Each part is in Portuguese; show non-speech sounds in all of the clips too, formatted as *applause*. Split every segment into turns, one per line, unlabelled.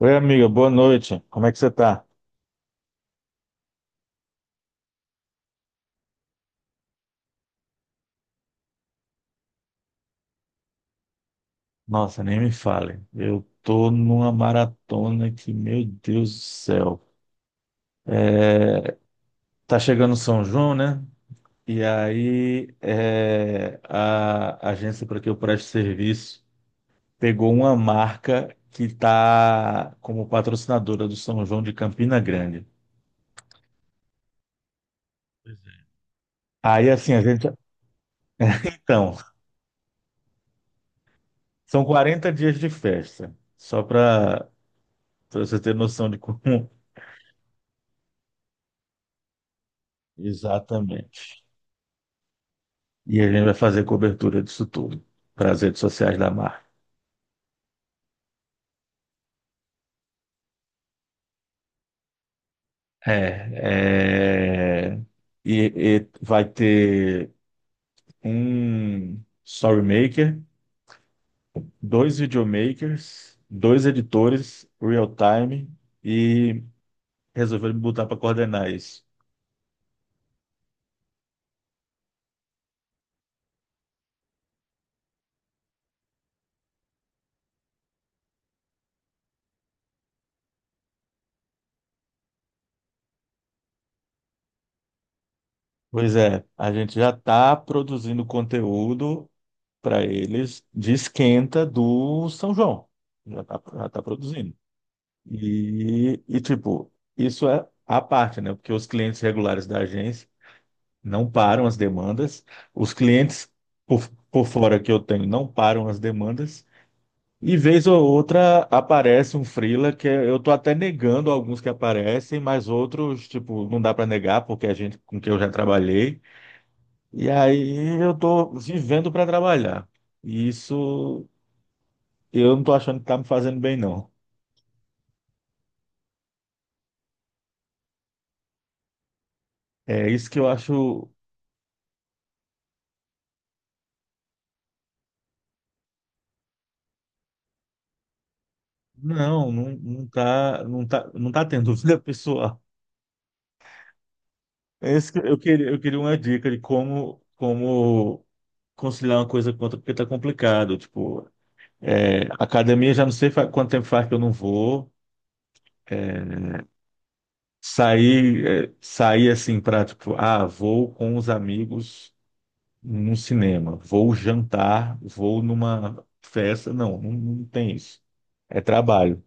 Oi, amiga, boa noite. Como é que você tá? Nossa, nem me fale. Eu tô numa maratona que, meu Deus do céu. É, tá chegando São João, né? E aí é, a agência para que eu preste serviço pegou uma marca que tá como patrocinadora do São João de Campina Grande. Pois é. Aí assim, a gente. Então, são 40 dias de festa, só para você ter noção de como. *laughs* Exatamente. E a gente vai fazer cobertura disso tudo para as redes sociais da marca. É, é, e vai ter um story maker, dois videomakers, dois editores real time e resolveu me botar para coordenar isso. Pois é, a gente já está produzindo conteúdo para eles de esquenta do São João. Já tá produzindo. Tipo, isso é a parte, né? Porque os clientes regulares da agência não param as demandas, os clientes por fora que eu tenho não param as demandas, e vez ou outra aparece um freela que é, eu tô até negando alguns que aparecem, mas outros, tipo, não dá para negar porque a gente com quem eu já trabalhei, e aí eu tô vivendo para trabalhar. E isso eu não tô achando que tá me fazendo bem, não. É isso que eu acho. Não, não tá, não tá, não tá tendo *laughs* vida pessoal. É isso que eu queria uma dica de como, como conciliar uma coisa com outra, porque tá complicado. Tipo, é, academia já não sei quanto tempo faz que eu não vou. Sair, é, sair assim pra, tipo, ah, vou com os amigos no cinema, vou jantar, vou numa festa. Não, não, não tem isso. É trabalho.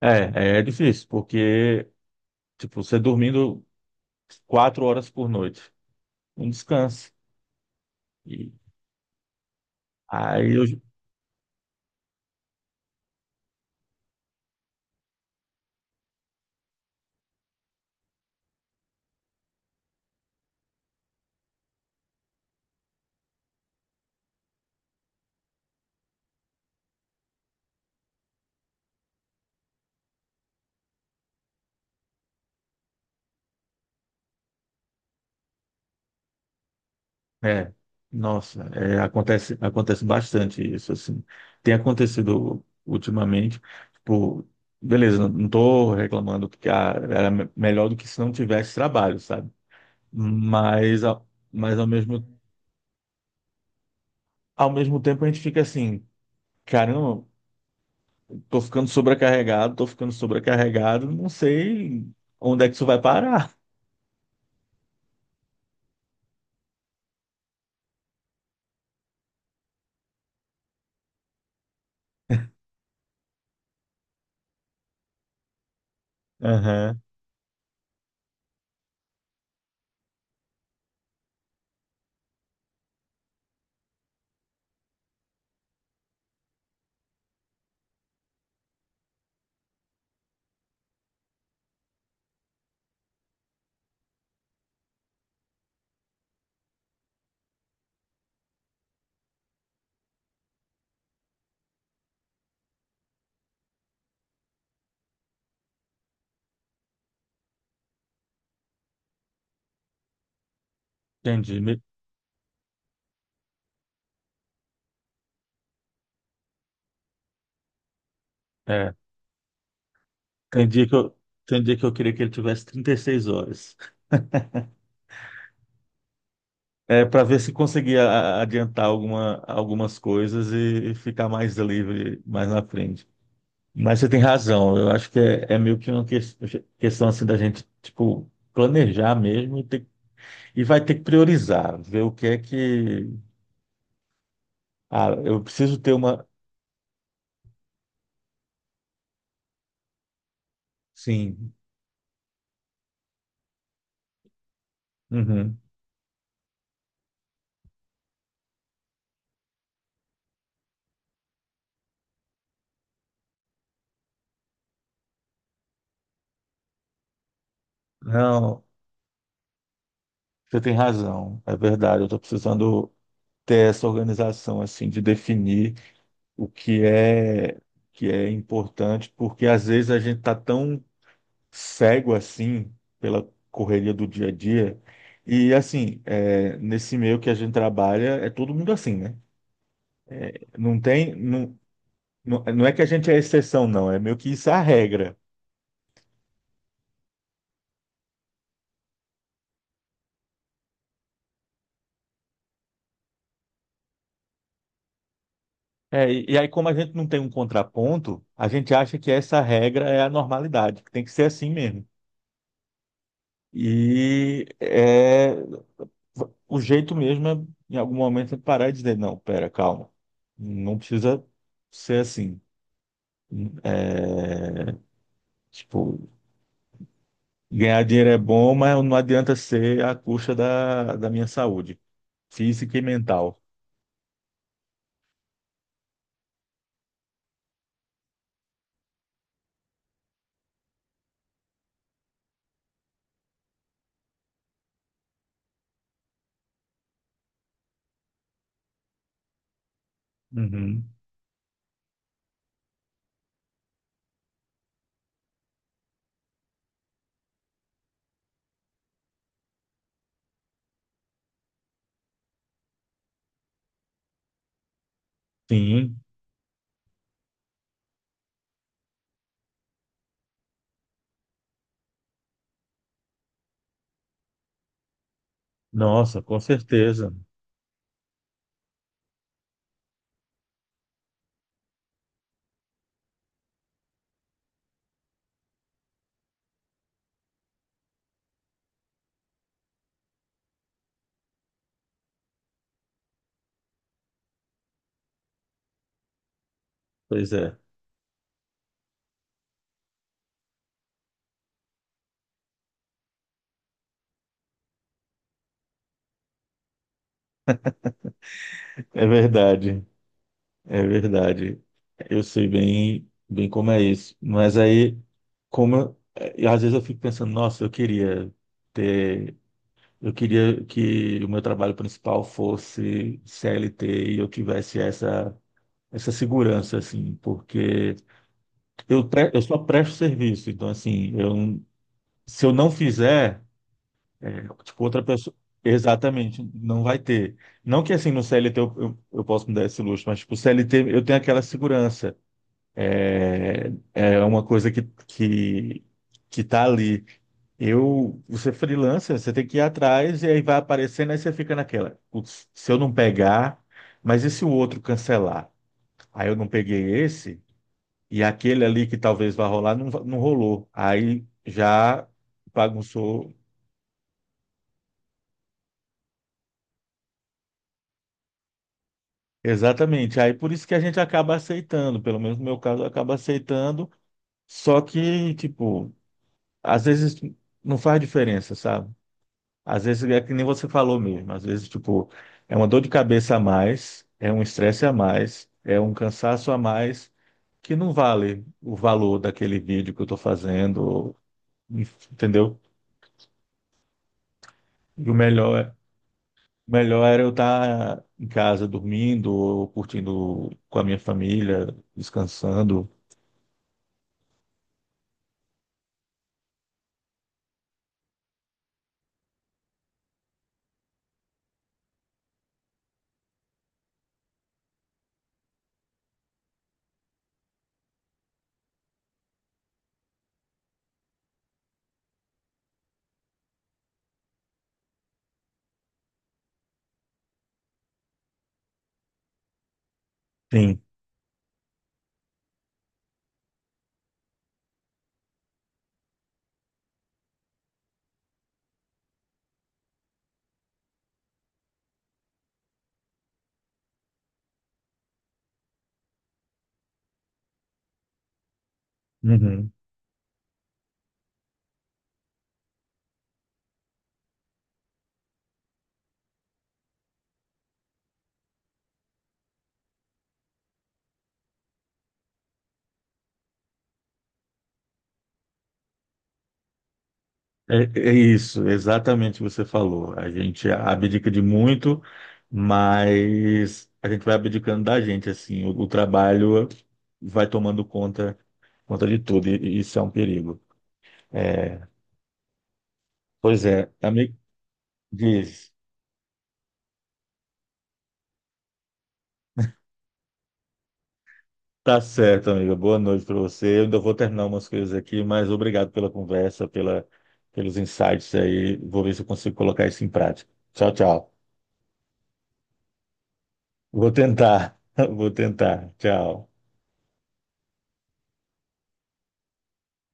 É, é difícil, porque, tipo, você dormindo 4 horas por noite. Um descanso. E aí eu, é, nossa, é, acontece, acontece bastante isso, assim. Tem acontecido ultimamente, tipo, beleza, não, não tô reclamando que ah, era melhor do que se não tivesse trabalho, sabe? Mas, a mas ao mesmo tempo a gente fica assim, caramba, tô ficando sobrecarregado, não sei onde é que isso vai parar. Aham, entendi. É. Tem dia que eu, tem dia que eu queria que ele tivesse 36 horas. É, para ver se conseguia adiantar alguma, algumas coisas e ficar mais livre mais na frente. Mas você tem razão, eu acho que é, é meio que uma questão assim da gente, tipo, planejar mesmo e vai ter que priorizar, ver o que é que. Ah, eu preciso ter uma. Sim. Uhum. Não, você tem razão, é verdade, eu estou precisando ter essa organização, assim, de definir o que é importante, porque às vezes a gente tá tão cego assim pela correria do dia a dia. E assim, é, nesse meio que a gente trabalha, é todo mundo assim, né? Não tem, não, não, não é que a gente é exceção, não, é meio que isso é a regra. É, e aí, como a gente não tem um contraponto, a gente acha que essa regra é a normalidade, que tem que ser assim mesmo. E é, O jeito mesmo é, em algum momento, é parar e dizer, não, pera, calma. Não precisa ser assim. É, tipo, ganhar dinheiro é bom, mas não adianta ser à custa da minha saúde física e mental. Uhum. Sim, nossa, com certeza. Pois é, é verdade, é verdade. Eu sei bem, bem como é isso. Mas aí, como às vezes eu fico pensando, nossa, eu queria ter. Eu queria que o meu trabalho principal fosse CLT e eu tivesse essa, essa segurança, assim, porque eu, eu só presto serviço, então, assim, eu, se eu não fizer, é, tipo, outra pessoa, exatamente, não vai ter. Não que, assim, no CLT eu posso me dar esse luxo, mas, tipo, CLT eu tenho aquela segurança, é é uma coisa que tá ali. Eu, você é freelancer, você tem que ir atrás e aí vai aparecendo, aí você fica naquela, "Putz, se eu não pegar, mas e se o outro cancelar? Aí eu não peguei esse e aquele ali que talvez vá rolar não, não rolou. Aí já bagunçou. Exatamente. Aí por isso que a gente acaba aceitando, pelo menos no meu caso, acaba aceitando, só que, tipo, às vezes não faz diferença, sabe? Às vezes é que nem você falou mesmo, às vezes, tipo, é uma dor de cabeça a mais, é um estresse a mais, é um cansaço a mais, que não vale o valor daquele vídeo que eu estou fazendo, entendeu? E o melhor, é- o melhor era eu estar em casa dormindo, ou curtindo com a minha família, descansando. Sim. Uhum. É, é isso, exatamente o que você falou. A gente abdica de muito, mas a gente vai abdicando da gente, assim, o trabalho vai tomando conta de tudo, e isso é um perigo. É, pois é, amigo, diz, tá certo, amiga, boa noite para você. Eu ainda vou terminar umas coisas aqui, mas obrigado pela conversa, pela, pelos insights aí. Vou ver se eu consigo colocar isso em prática. Tchau, tchau. Vou tentar, *laughs* vou tentar. Tchau.